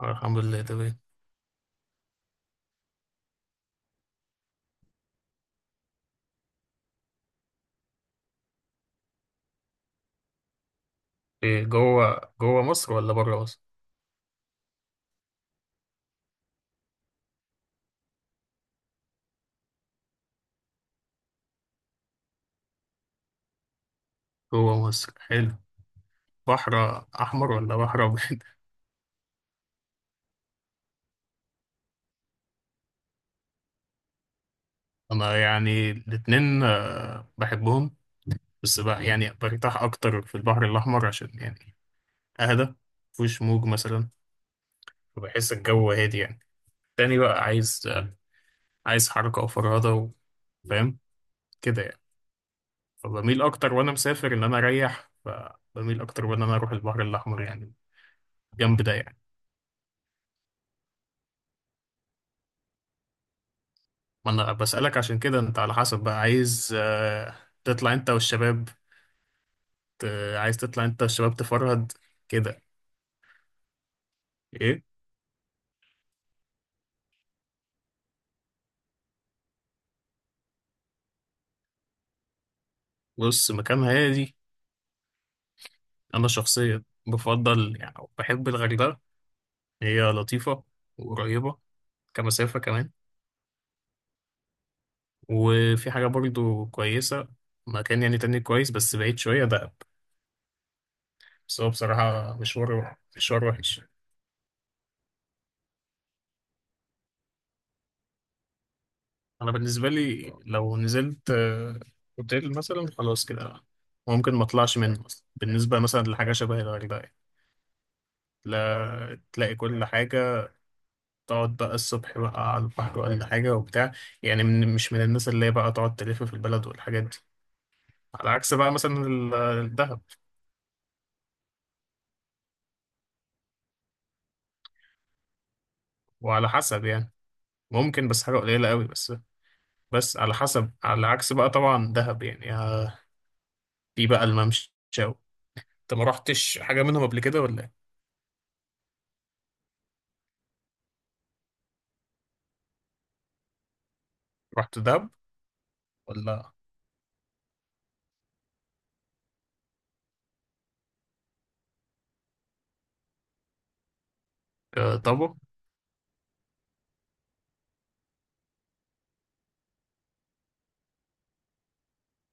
آه، الحمد لله تمام. إيه جوه مصر ولا بره مصر؟ جوه مصر حلو. بحر أحمر ولا بحر أبيض؟ أنا يعني الاتنين بحبهم. بس بقى يعني برتاح أكتر في البحر الأحمر عشان يعني أهدى، مفيهوش موج مثلا، فبحس الجو هادي يعني. تاني بقى عايز حركة وفرهدة فاهم كده يعني. فبميل أكتر وأنا مسافر إن أنا أريح، فبميل أكتر وإن أنا أروح البحر الأحمر يعني، جنب ده يعني. ما انا بسألك عشان كده انت على حسب بقى عايز. تطلع انت والشباب. عايز تطلع انت والشباب تفرهد كده. ايه. بص، مكان هادي. انا شخصيا بفضل يعني بحب الغردقة، هي لطيفة وقريبة كمسافة كمان. وفي حاجة برضو كويسة، مكان يعني تاني كويس بس بعيد شوية، دهب، بس هو بصراحة مشوار مشوار وحش. انا بالنسبه لي لو نزلت اوتيل مثلا، خلاص كده ممكن ما اطلعش منه اصلا، بالنسبه مثلا لحاجه شبه الغردقه يعني. لا، تلاقي كل حاجه، تقعد بقى الصبح بقى على البحر ولا حاجه وبتاع. يعني مش من الناس اللي هي بقى تقعد تلف في البلد والحاجات دي، على عكس بقى مثلا الدهب. وعلى حسب يعني، ممكن بس حاجه قليله قوي بس. بس على حسب، على عكس بقى طبعا دهب يعني، في بقى الممشى. انت ما رحتش حاجه منهم قبل كده ولا إيه؟ رحت دهب ولا؟ آه، طب.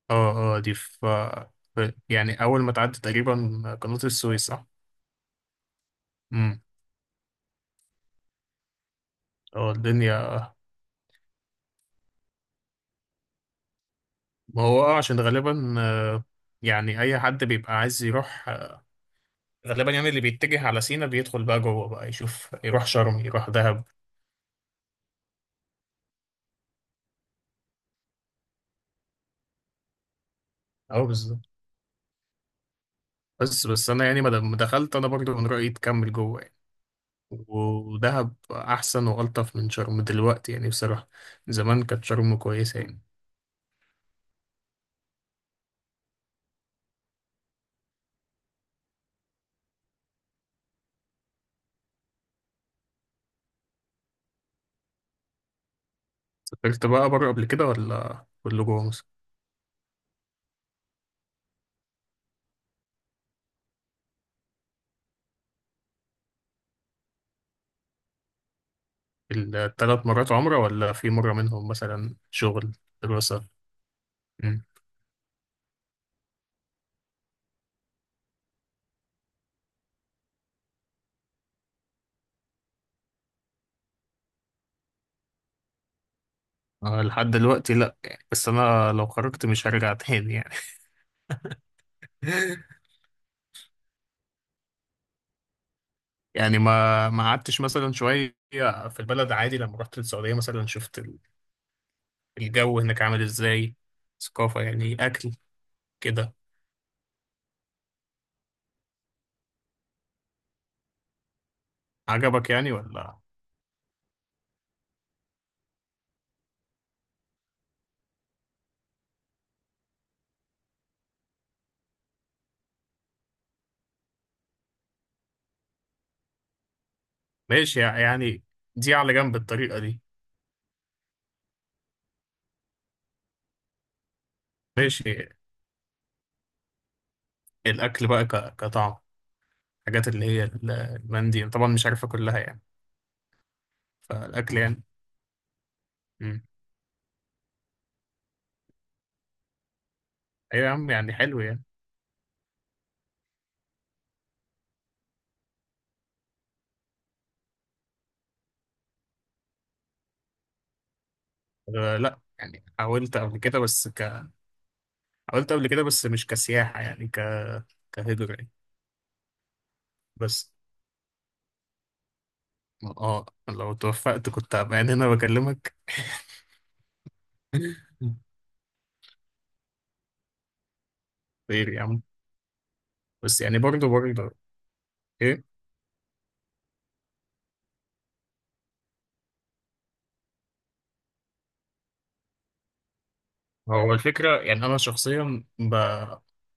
اه، اه، دي يعني أول ما تعدي تقريبا قناة السويس، صح؟ امم. اه، الدنيا، ما هو عشان غالبا، يعني أي حد بيبقى عايز يروح، غالبا يعني اللي بيتجه على سينا بيدخل بقى جوه، بقى يشوف، يروح شرم يروح دهب. اه بالظبط. بس أنا يعني ما دام دخلت أنا برضو من رأيي تكمل جوه يعني. ودهب أحسن وألطف من شرم دلوقتي يعني، بصراحة. زمان كانت شرم كويسة يعني. سافرت بقى بره قبل كده ولا كله جوه مصر؟ الثلاث مرات عمرة ولا في مرة منهم مثلا شغل؟ دراسة؟ مم. أنا لحد دلوقتي لأ يعني، بس أنا لو خرجت مش هرجع تاني يعني. يعني ما قعدتش مثلا شوية في البلد عادي لما رحت السعودية مثلا، شفت الجو هناك عامل إزاي، ثقافة يعني، أكل كده. عجبك يعني ولا؟ ماشي يعني. دي على جنب، الطريقة دي. ماشي. الأكل بقى كطعم، الحاجات اللي هي المندي، أنا طبعا مش عارفها كلها يعني. فالأكل يعني. ايوه يا عم، يعني حلو يعني. لا يعني حاولت قبل كده بس حاولت قبل كده بس مش كسياحة يعني كهجرة يعني. بس. اه لو توفقت كنت هبقى يعني هنا بكلمك. خير يا عم. بس يعني برضه ايه؟ هو الفكرة يعني انا شخصيا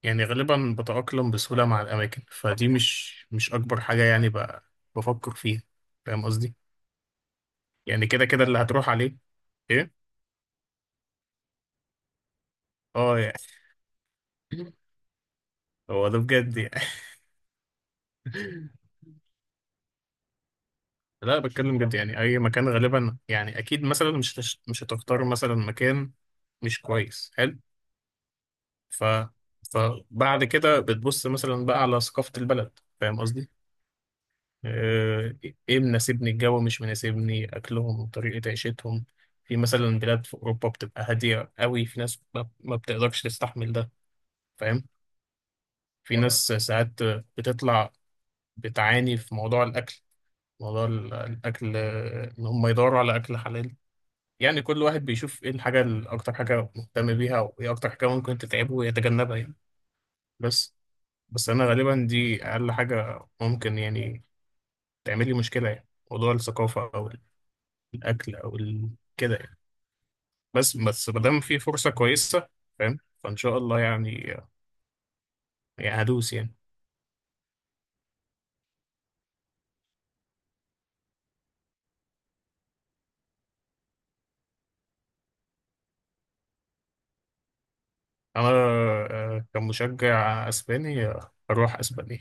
يعني غالبا بتأقلم بسهولة مع الأماكن، فدي مش أكبر حاجة يعني بفكر فيها. فاهم قصدي؟ يعني كده كده اللي هتروح عليه. ايه؟ اه يعني. هو ده بجد يعني. لا بتكلم جد، يعني اي مكان غالبا يعني، اكيد مثلا مش هتختار مثلا مكان مش كويس حلو. ف فبعد كده بتبص مثلا بقى على ثقافة البلد، فاهم قصدي؟ آه، ايه مناسبني الجو، مش مناسبني اكلهم طريقة عيشتهم. في مثلا بلاد في اوروبا بتبقى هادية قوي، في ناس ما بتقدرش تستحمل ده، فاهم؟ في ناس ساعات بتطلع بتعاني في موضوع الاكل، موضوع الاكل ان هم يدوروا على اكل حلال. يعني كل واحد بيشوف ايه الحاجة اكتر حاجة مهتم بيها، وايه اكتر حاجة ممكن تتعبه ويتجنبها يعني. بس بس انا غالبا دي اقل حاجة ممكن يعني تعمل لي مشكلة، يعني موضوع الثقافة او الاكل كده يعني. بس ما دام في فرصة كويسة فاهم، فان شاء الله يعني، يعني هدوس يعني. انا كمشجع اسباني هروح اسبانيا،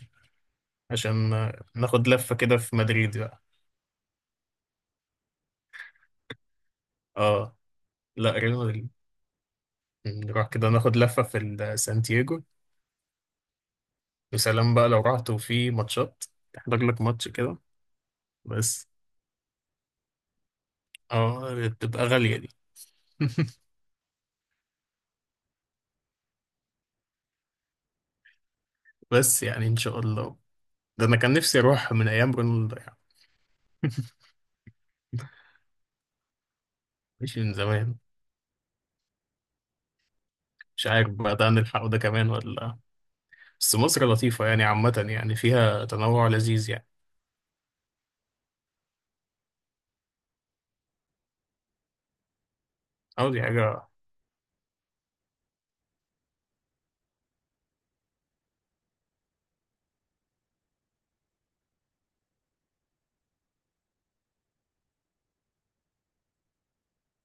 عشان ناخد لفة كده في مدريد بقى. اه، لا، ريال مدريد. نروح كده ناخد لفة في سانتياغو، وسلام بقى. لو رحت وفي ماتشات، تحضر لك ماتش كده. بس اه بتبقى غالية دي. بس يعني ان شاء الله. ده انا كان نفسي اروح من ايام رونالدو يعني، مش من زمان. مش عارف بقى ده هنلحقه ده كمان ولا لأ. بس مصر لطيفة يعني عامة، يعني فيها تنوع لذيذ يعني. اه دي حاجة.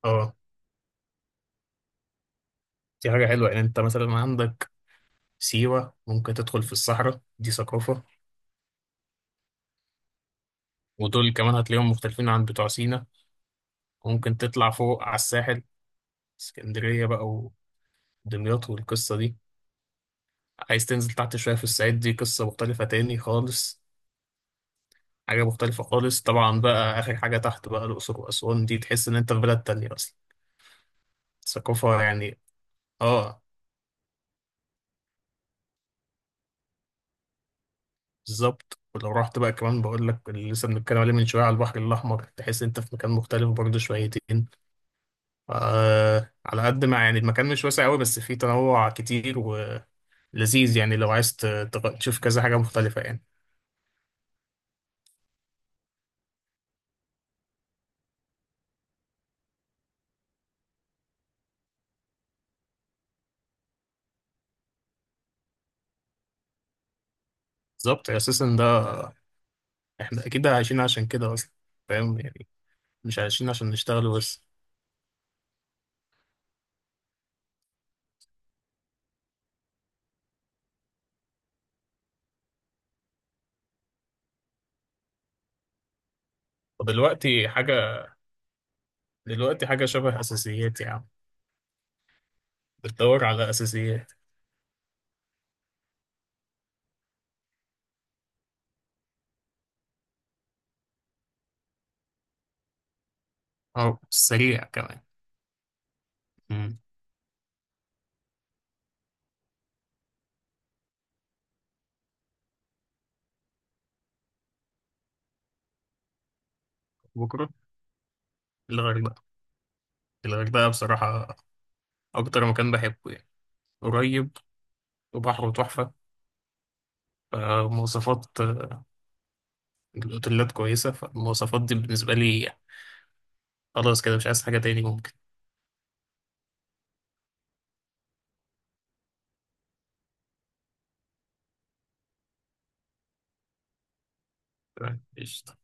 اه دي حاجة حلوة يعني، انت مثلا عندك سيوة، ممكن تدخل في الصحراء، دي ثقافة. ودول كمان هتلاقيهم مختلفين عن بتوع سينا. ممكن تطلع فوق على الساحل، اسكندرية بقى ودمياط والقصة دي. عايز تنزل تحت شوية في الصعيد، دي قصة مختلفة تاني خالص، حاجة مختلفة خالص. طبعا بقى آخر حاجة تحت بقى الأقصر وأسوان، دي تحس إن أنت في بلد تانية أصلا، الثقافة يعني آه بالظبط. ولو رحت بقى كمان بقول لك اللي لسه بنتكلم عليه من شوية على البحر الأحمر، تحس أنت في مكان مختلف برضه شويتين. على قد ما يعني المكان مش واسع أوي، بس فيه تنوع كتير ولذيذ. يعني لو عايز تشوف كذا حاجة مختلفة يعني. بالظبط، أساسا ده احنا اكيد عايشين عشان كده اصلا، فاهم يعني، مش عايشين عشان نشتغل بس. ودلوقتي حاجة دلوقتي حاجة شبه اساسيات يا عم، بتدور على اساسيات. اه سريع كمان. مم. بكرة؟ الغردقة. الغردقة بصراحة اكتر مكان بحبه يعني، قريب وبحره تحفة، فمواصفات الاوتيلات كويسة، فالمواصفات دي بالنسبة لي خلاص كده، مش عايز حاجة تاني ممكن. تمام، قشطة.